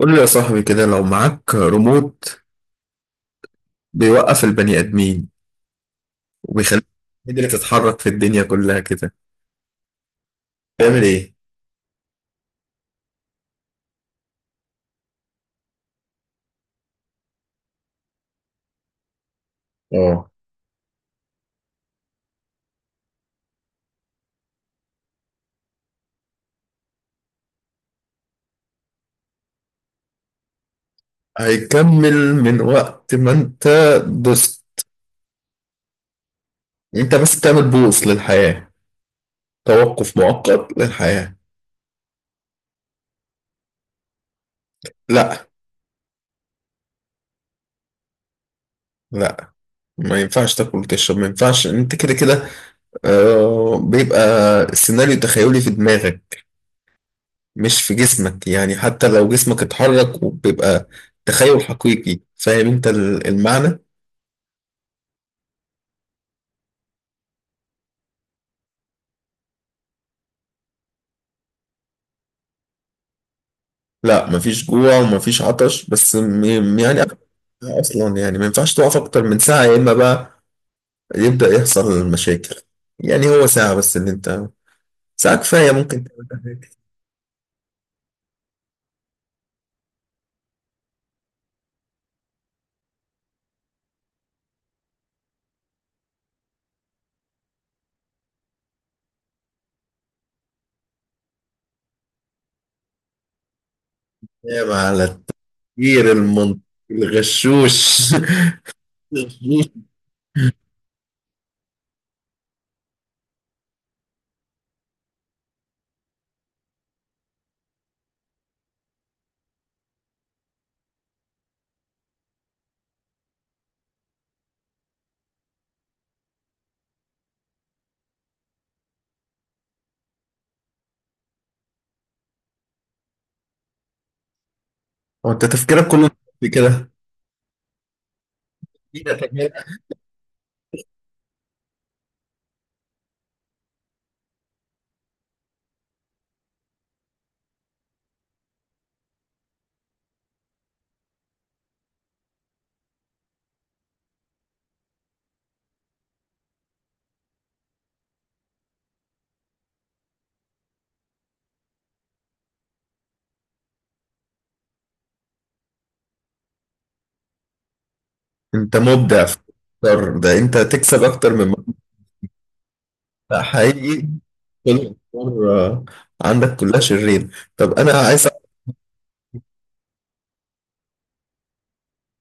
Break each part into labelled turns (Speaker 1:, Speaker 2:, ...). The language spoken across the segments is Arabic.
Speaker 1: قول لي يا صاحبي كده، لو معاك ريموت بيوقف البني آدمين وبيخليك تقدر تتحرك في الدنيا كلها كده، تعمل ايه؟ اه. هيكمل من وقت ما انت دوست. انت بس تعمل بوص للحياة، توقف مؤقت للحياة. لا، لا، ما ينفعش تاكل وتشرب، ما ينفعش. انت كده كده. بيبقى السيناريو تخيلي في دماغك، مش في جسمك، يعني حتى لو جسمك اتحرك وبيبقى تخيل حقيقي. فاهم انت المعنى؟ لا، مفيش جوع ومفيش عطش، بس يعني أكل اصلا، يعني ما ينفعش تقف اكتر من ساعة، يا اما بقى يبدأ يحصل المشاكل. يعني هو ساعة بس اللي انت، ساعة كفاية ممكن تعمل، تنام على التفكير المنطقي الغشوش. وانت تفكيرك كله في كده. انت مبدع في الأفكار. ده انت تكسب اكتر من مبدع حقيقي. كل الأفكار، عندك كلها شرير. طب انا عايز،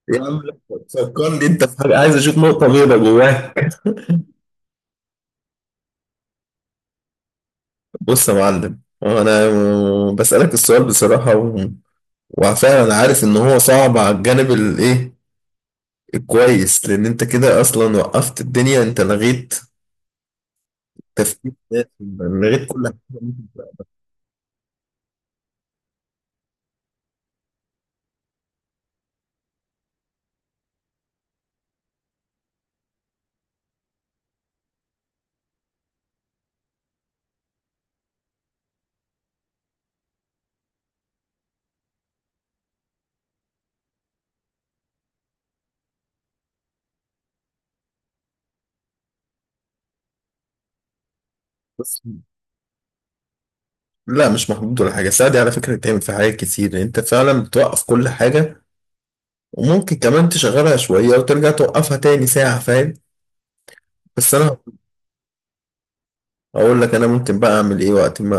Speaker 1: يا عم لا، فكرني انت في حاجه، عايز اشوف نقطه بيضاء جواك. بص يا معلم، هو انا بسالك السؤال بصراحه وفعلا انا عارف ان هو صعب على الجانب الايه الكويس، لان انت كده اصلا وقفت الدنيا، انت لغيت تفكير الناس، لغيت كل حاجه بس. لا، مش محدود ولا حاجه، الساعه دي على فكره بتعمل في حاجات كتير، انت فعلا بتوقف كل حاجه وممكن كمان تشغلها شويه وترجع توقفها تاني ساعه، فاهم؟ بس انا هقول لك انا ممكن بقى اعمل ايه وقت ما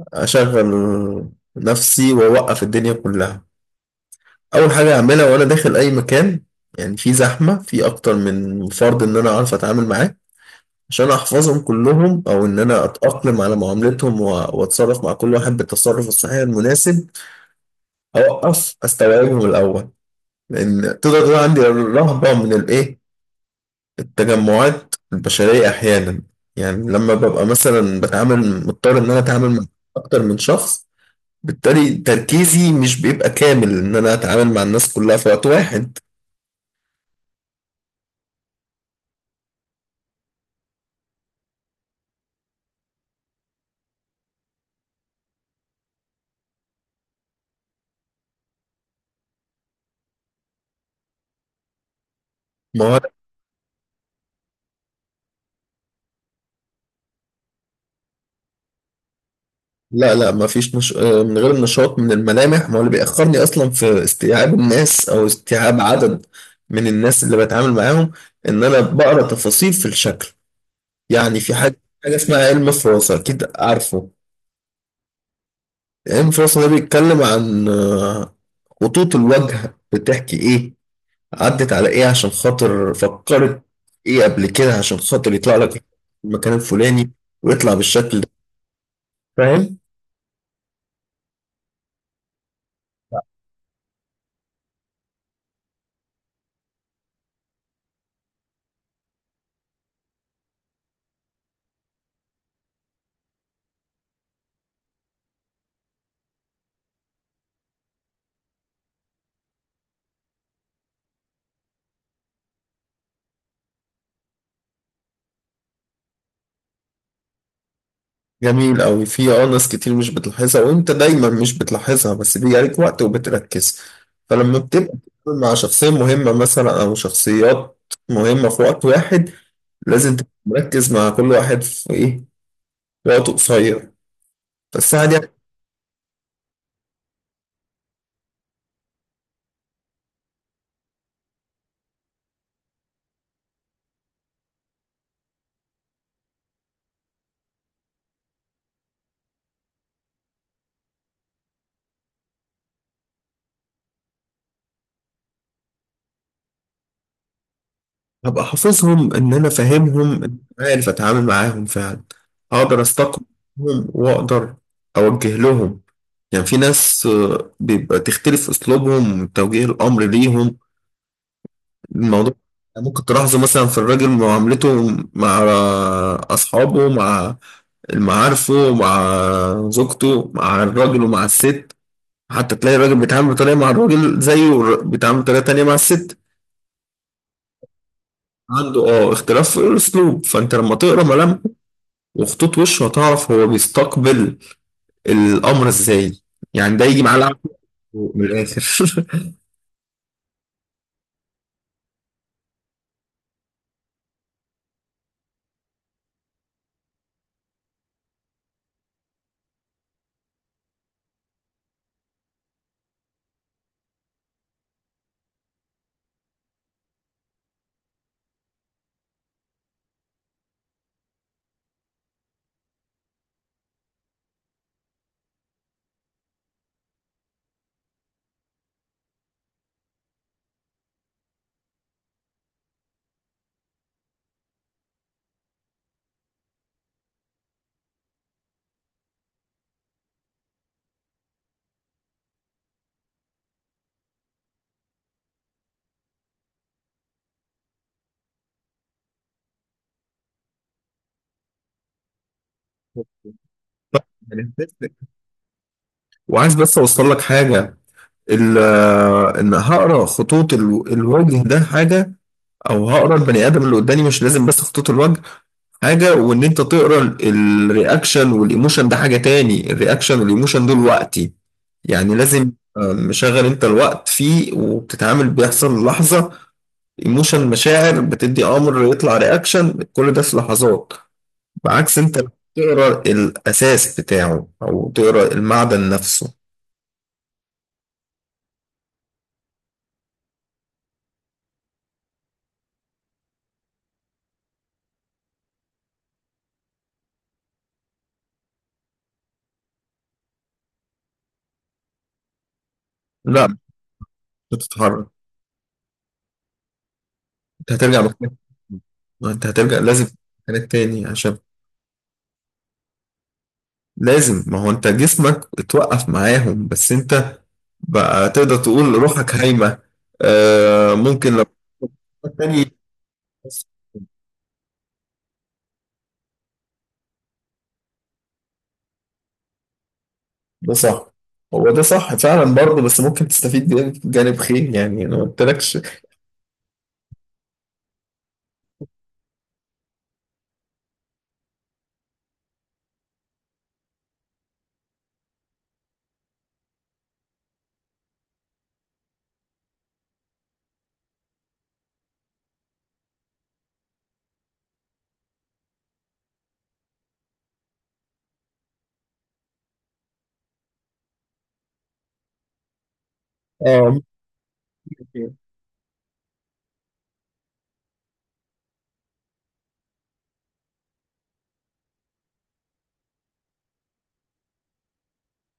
Speaker 1: أشغل نفسي وأوقف الدنيا كلها. أول حاجة أعملها وأنا داخل أي مكان، يعني في زحمة، في أكتر من فرد، إن أنا أعرف أتعامل معاه، عشان أحفظهم كلهم، أو إن أنا أتأقلم على معاملتهم وأتصرف مع كل واحد بالتصرف الصحيح المناسب. أوقف أستوعبهم الأول، لأن تقدر تقول عندي رهبة من الإيه، التجمعات البشرية أحيانا. يعني لما ببقى مثلا بتعامل، مضطر إن أنا أتعامل مع أكتر من شخص، بالتالي تركيزي مش بيبقى كامل ان انا اتعامل مع الناس كلها في وقت واحد. ما هو لا، لا، ما فيش من غير النشاط، من الملامح. ما هو اللي بيأخرني اصلا في استيعاب الناس او استيعاب عدد من الناس اللي بتعامل معاهم ان انا بقرا تفاصيل في الشكل. يعني في حاجه اسمها علم فراسه، اكيد عارفه. علم فراسه ده بيتكلم عن خطوط الوجه بتحكي ايه، عدت على ايه عشان خاطر فكرت ايه قبل كده، عشان خاطر يطلع لك المكان الفلاني ويطلع بالشكل ده، فاهم؟ جميل قوي. في ناس كتير مش بتلاحظها، وانت دايما مش بتلاحظها، بس بيجي عليك وقت وبتركز. فلما بتبقى بتتعامل مع شخصية مهمة مثلا، او شخصيات مهمة في وقت واحد، لازم تبقى مركز مع كل واحد في ايه في وقت قصير، بس عادي. هبقى حافظهم، ان انا فاهمهم، إن أنا عارف اتعامل معاهم فعلا، هقدر استقبلهم واقدر اوجه لهم. يعني في ناس بيبقى تختلف اسلوبهم توجيه الامر ليهم الموضوع. ممكن تلاحظوا مثلا في الراجل معاملته مع اصحابه، مع معارفه، مع زوجته، مع الراجل ومع الست، حتى تلاقي الراجل بيتعامل بطريقه مع الراجل زيه بيتعامل بطريقه تانيه مع الست. عنده اختلاف في الاسلوب، فانت لما تقرا ملامح وخطوط وشه هتعرف هو بيستقبل الأمر إزاي. يعني ده يجي معاه لعب من الآخر. وعايز بس أوصل لك حاجة، ال- إن هقرأ خطوط الوجه ده حاجة، أو هقرأ البني آدم اللي قدامي، مش لازم بس خطوط الوجه حاجة، وإن أنت تقرأ الرياكشن والإيموشن ده حاجة تاني. الرياكشن والإيموشن دول وقتي، يعني لازم مشغل أنت الوقت فيه وبتتعامل بيحصل لحظة ايموشن، مشاعر بتدي امر يطلع رياكشن، كل ده في لحظات، بعكس انت لو تقرا الاساس بتاعه او تقرا المعدن نفسه. لا، مش هتتحرك. انت هترجع مكانك، انت هترجع لازم مكانك تاني، عشان لازم، ما هو انت جسمك اتوقف معاهم، بس انت بقى تقدر تقول روحك هايمة. آه ممكن لو تاني. ده صح. هو ده صح فعلا برضه، بس ممكن تستفيد بيه في جانب خير، يعني انا ما قلتلكش. اه ممكن.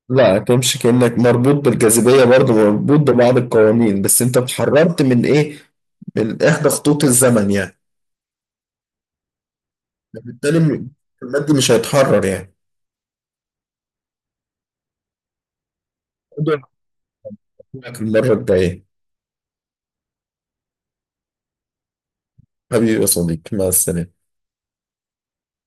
Speaker 1: لا، تمشي كأنك مربوط بالجاذبية برضه، مربوط ببعض القوانين، بس انت اتحررت من ايه، من احدى خطوط الزمن يعني، بالتالي المادي مش هيتحرر يعني. المرة الجاية. حبيبي يا صديقي، مع السلامة.